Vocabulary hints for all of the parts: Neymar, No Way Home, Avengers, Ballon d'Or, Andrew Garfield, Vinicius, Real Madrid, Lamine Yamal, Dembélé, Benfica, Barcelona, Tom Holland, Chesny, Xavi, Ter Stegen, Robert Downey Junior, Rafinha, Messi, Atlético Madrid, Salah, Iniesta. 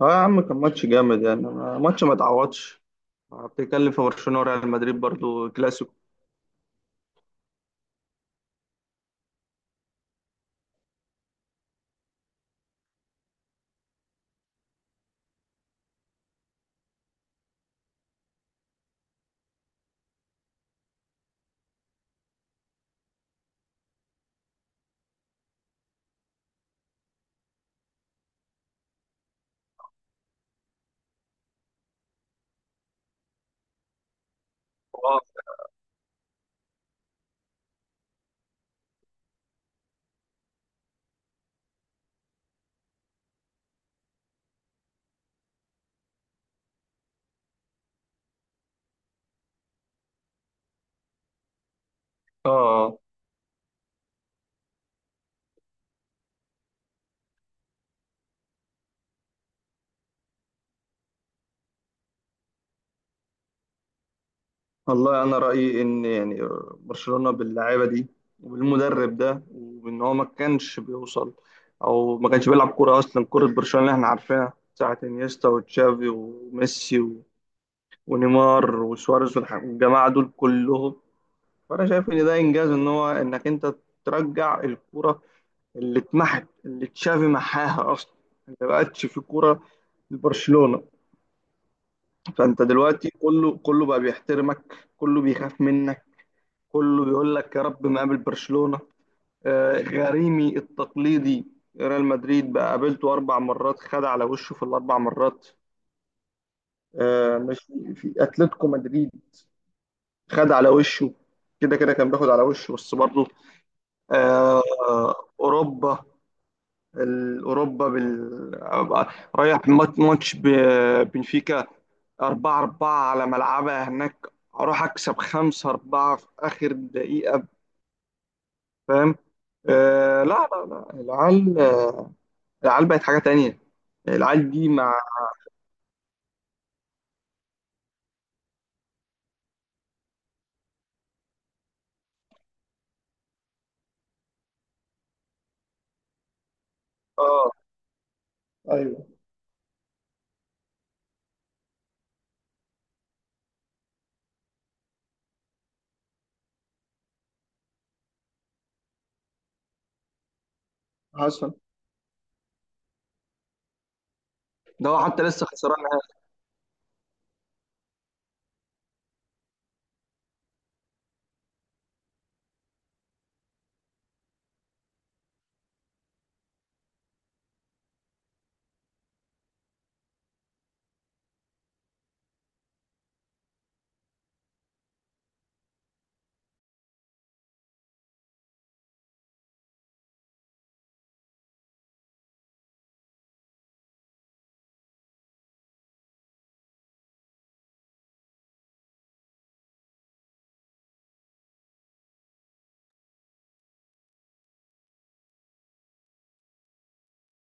اه يا عم، كان ماتش جامد يعني ماتش ما اتعوضش. بتتكلم في برشلونة وريال مدريد برضو كلاسيكو. اه. اه. والله انا رأيي ان يعني برشلونة باللعيبة دي وبالمدرب ده وان هو ما كانش بيوصل او ما كانش بيلعب كورة اصلا، كورة برشلونة اللي احنا عارفينها ساعة انيستا وتشافي وميسي ونيمار وسواريز والجماعة دول كلهم. فانا شايف ان ده انجاز، ان هو انك انت ترجع الكورة اللي اتمحت، اللي تشافي محاها اصلا. انت ما بقتش في كوره لبرشلونه. فانت دلوقتي كله كله بقى بيحترمك، كله بيخاف منك، كله بيقول لك يا رب ما قابل برشلونه. غريمي التقليدي ريال مدريد بقى، قابلته اربع مرات خد على وشه في الاربع مرات. مش في اتلتيكو مدريد خد على وشه، كده كده كان بياخد على وشه بس برضه. آه، اوروبا، الأوروبا رايح ماتش بنفيكا، 4-4 على ملعبها هناك، أروح أكسب 5-4 في آخر دقيقة. فاهم؟ آه لا لا لا، العيال العيال بقت حاجة تانية، العيال دي مع. اه. ايوه. حصل. ده هو حتى لسه خسران نهائي.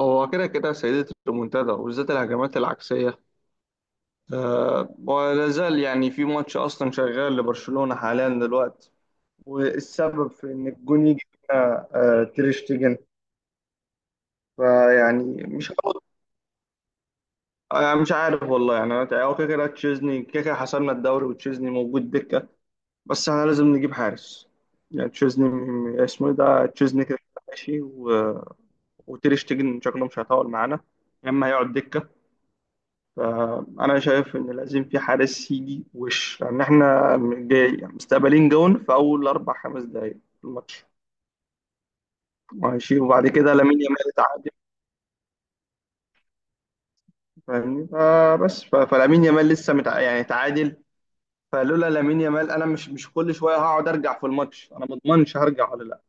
هو كده كده سيدة المنتدى وبالذات الهجمات العكسية. آه، ولا زال يعني في ماتش أصلا شغال لبرشلونة حاليا دلوقتي، والسبب في ان الجون يجي فينا تير شتيجن. فيعني مش عارف- مش عارف والله يعني، انا هو كده كده تشيزني، كده كده حسمنا الدوري وتشيزني موجود دكه، بس احنا لازم نجيب حارس. يعني تشيزني اسمه إيه ده، تشيزني كده كده ماشي، و... وتير شتيجن شكله مش هيطول معانا، يا اما هيقعد دكه. فانا شايف ان لازم في حارس يجي وش، لان احنا جاي مستقبلين جون في اول اربع خمس دقائق في الماتش. ماشي. وبعد كده لامين يامال اتعادل، فاهمني؟ فبس فلامين يامال لسه يعني تعادل. فلولا لامين يامال، انا مش كل شويه هقعد ارجع في الماتش، انا ما اضمنش هرجع ولا لا.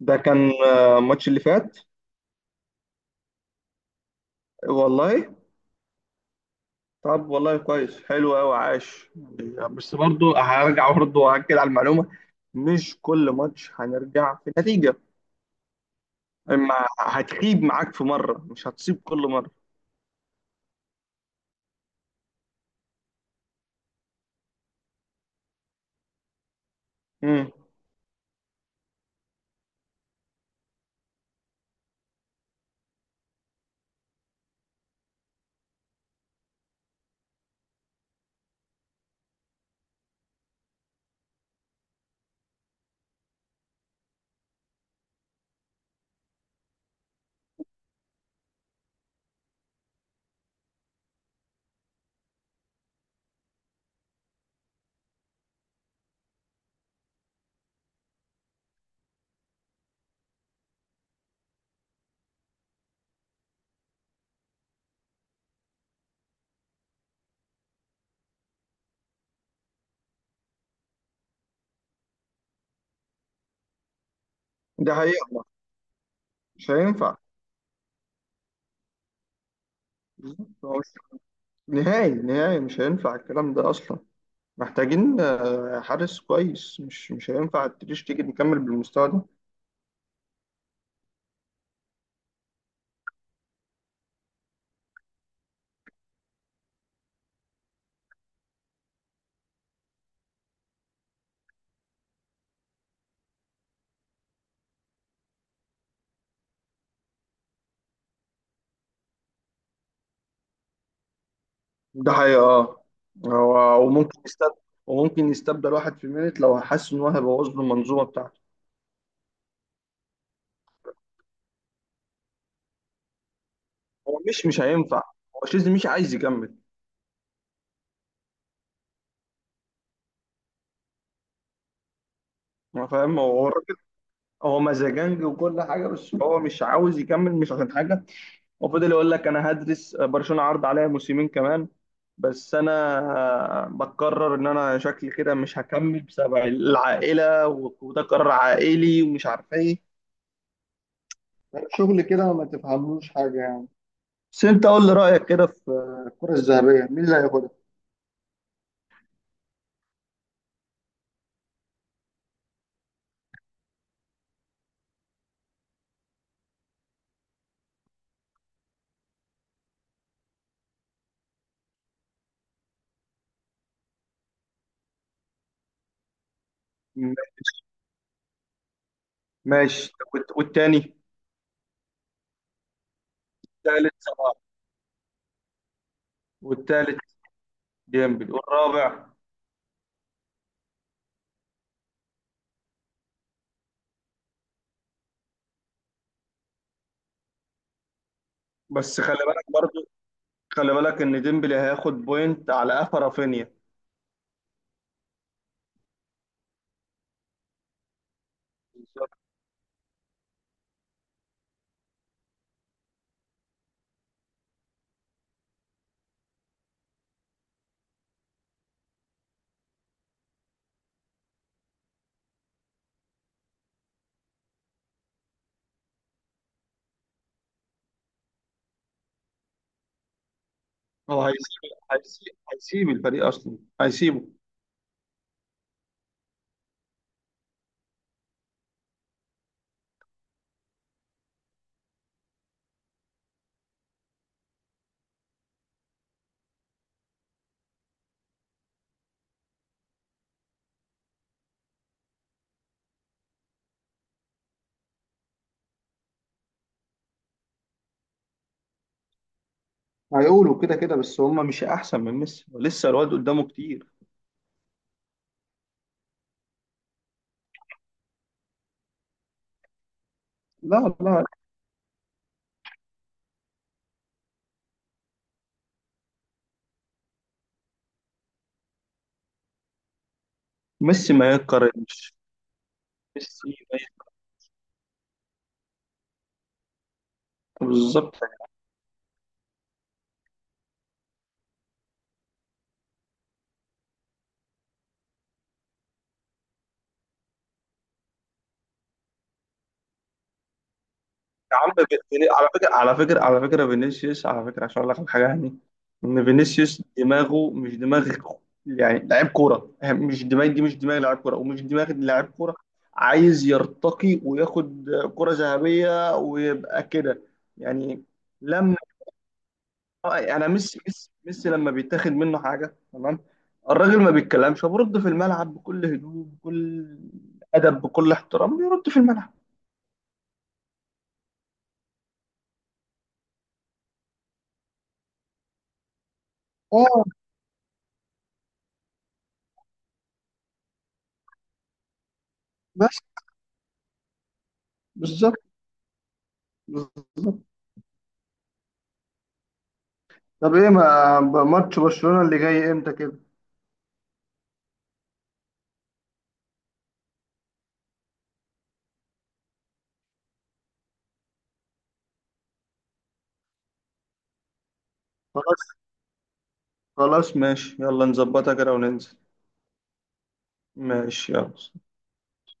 ده كان آه، الماتش اللي فات. والله؟ طب والله كويس، حلو قوي، عاش. يعني بس برضو هرجع، برضو واكد على المعلومه، مش كل ماتش هنرجع في نتيجه. اما هتخيب معاك في مره، مش هتصيب كل مره. امم. ده حقيقه. مش هينفع. بالظبط. هو نهائي نهائي مش هينفع الكلام ده اصلا. محتاجين آه، حارس كويس. مش هينفع تريش تيجي نكمل بالمستوى ده. ده حقيقة اه. هو وممكن يستبدل، وممكن يستبدل واحد في مينت لو حس ان هو هيبوظ له المنظومة بتاعته. هو مش هينفع. هو شيزني مش عايز يكمل. هو فاهم، هو هو الراجل. هو مزاجنجي وكل حاجة، بس هو مش عاوز يكمل مش عشان حاجة. وفضل يقول لك انا هدرس، برشلونه عرض عليا موسمين كمان بس انا بقرر ان انا شكلي كده مش هكمل بسبب العائله، وده قرار عائلي ومش عارف ايه، شغل كده ما تفهملوش حاجة يعني. بس انت قول لي رايك كده في الكرة الذهبية، مين اللي هياخدها؟ ماشي. ماشي. والتاني؟ التالت صلاح. والتالت؟ ديمبلي والرابع. بس خلي بالك برضو، خلي بالك ان ديمبلي هياخد بوينت على قفا رافينيا. هو هيسيب هيسيب هيسيب الفريق اصلا، هيسيبه. هيقولوا كده، كده بس هم مش احسن من ميسي، لسه الواد قدامه كتير. لا لا. ميسي ما يتقارنش. ميسي ما يت- بالظبط. يا عم على فكره، على فكره، على فكره فينيسيوس، على فكره عشان اقول لك على حاجه يعني، ان فينيسيوس دماغه مش دماغ. يعني لعيب كوره يعني، مش دماغ دي، مش دماغ لعيب كوره، ومش دماغ لعيب كوره. عايز يرتقي وياخد كره ذهبيه ويبقى كده يعني. لما اه يعني ميسي، ميسي ميسي لما بيتاخد منه حاجه، تمام، الراجل ما بيتكلمش، برد في الملعب بكل هدوء، بكل ادب، بكل احترام بيرد في الملعب. اه. بس. بالظبط. بالظبط. طب ايه، ما ماتش برشلونه اللي جاي امتى كده؟ خلاص. خلاص ماشي، يلا نظبطها كده وننزل. ماشي، يلا.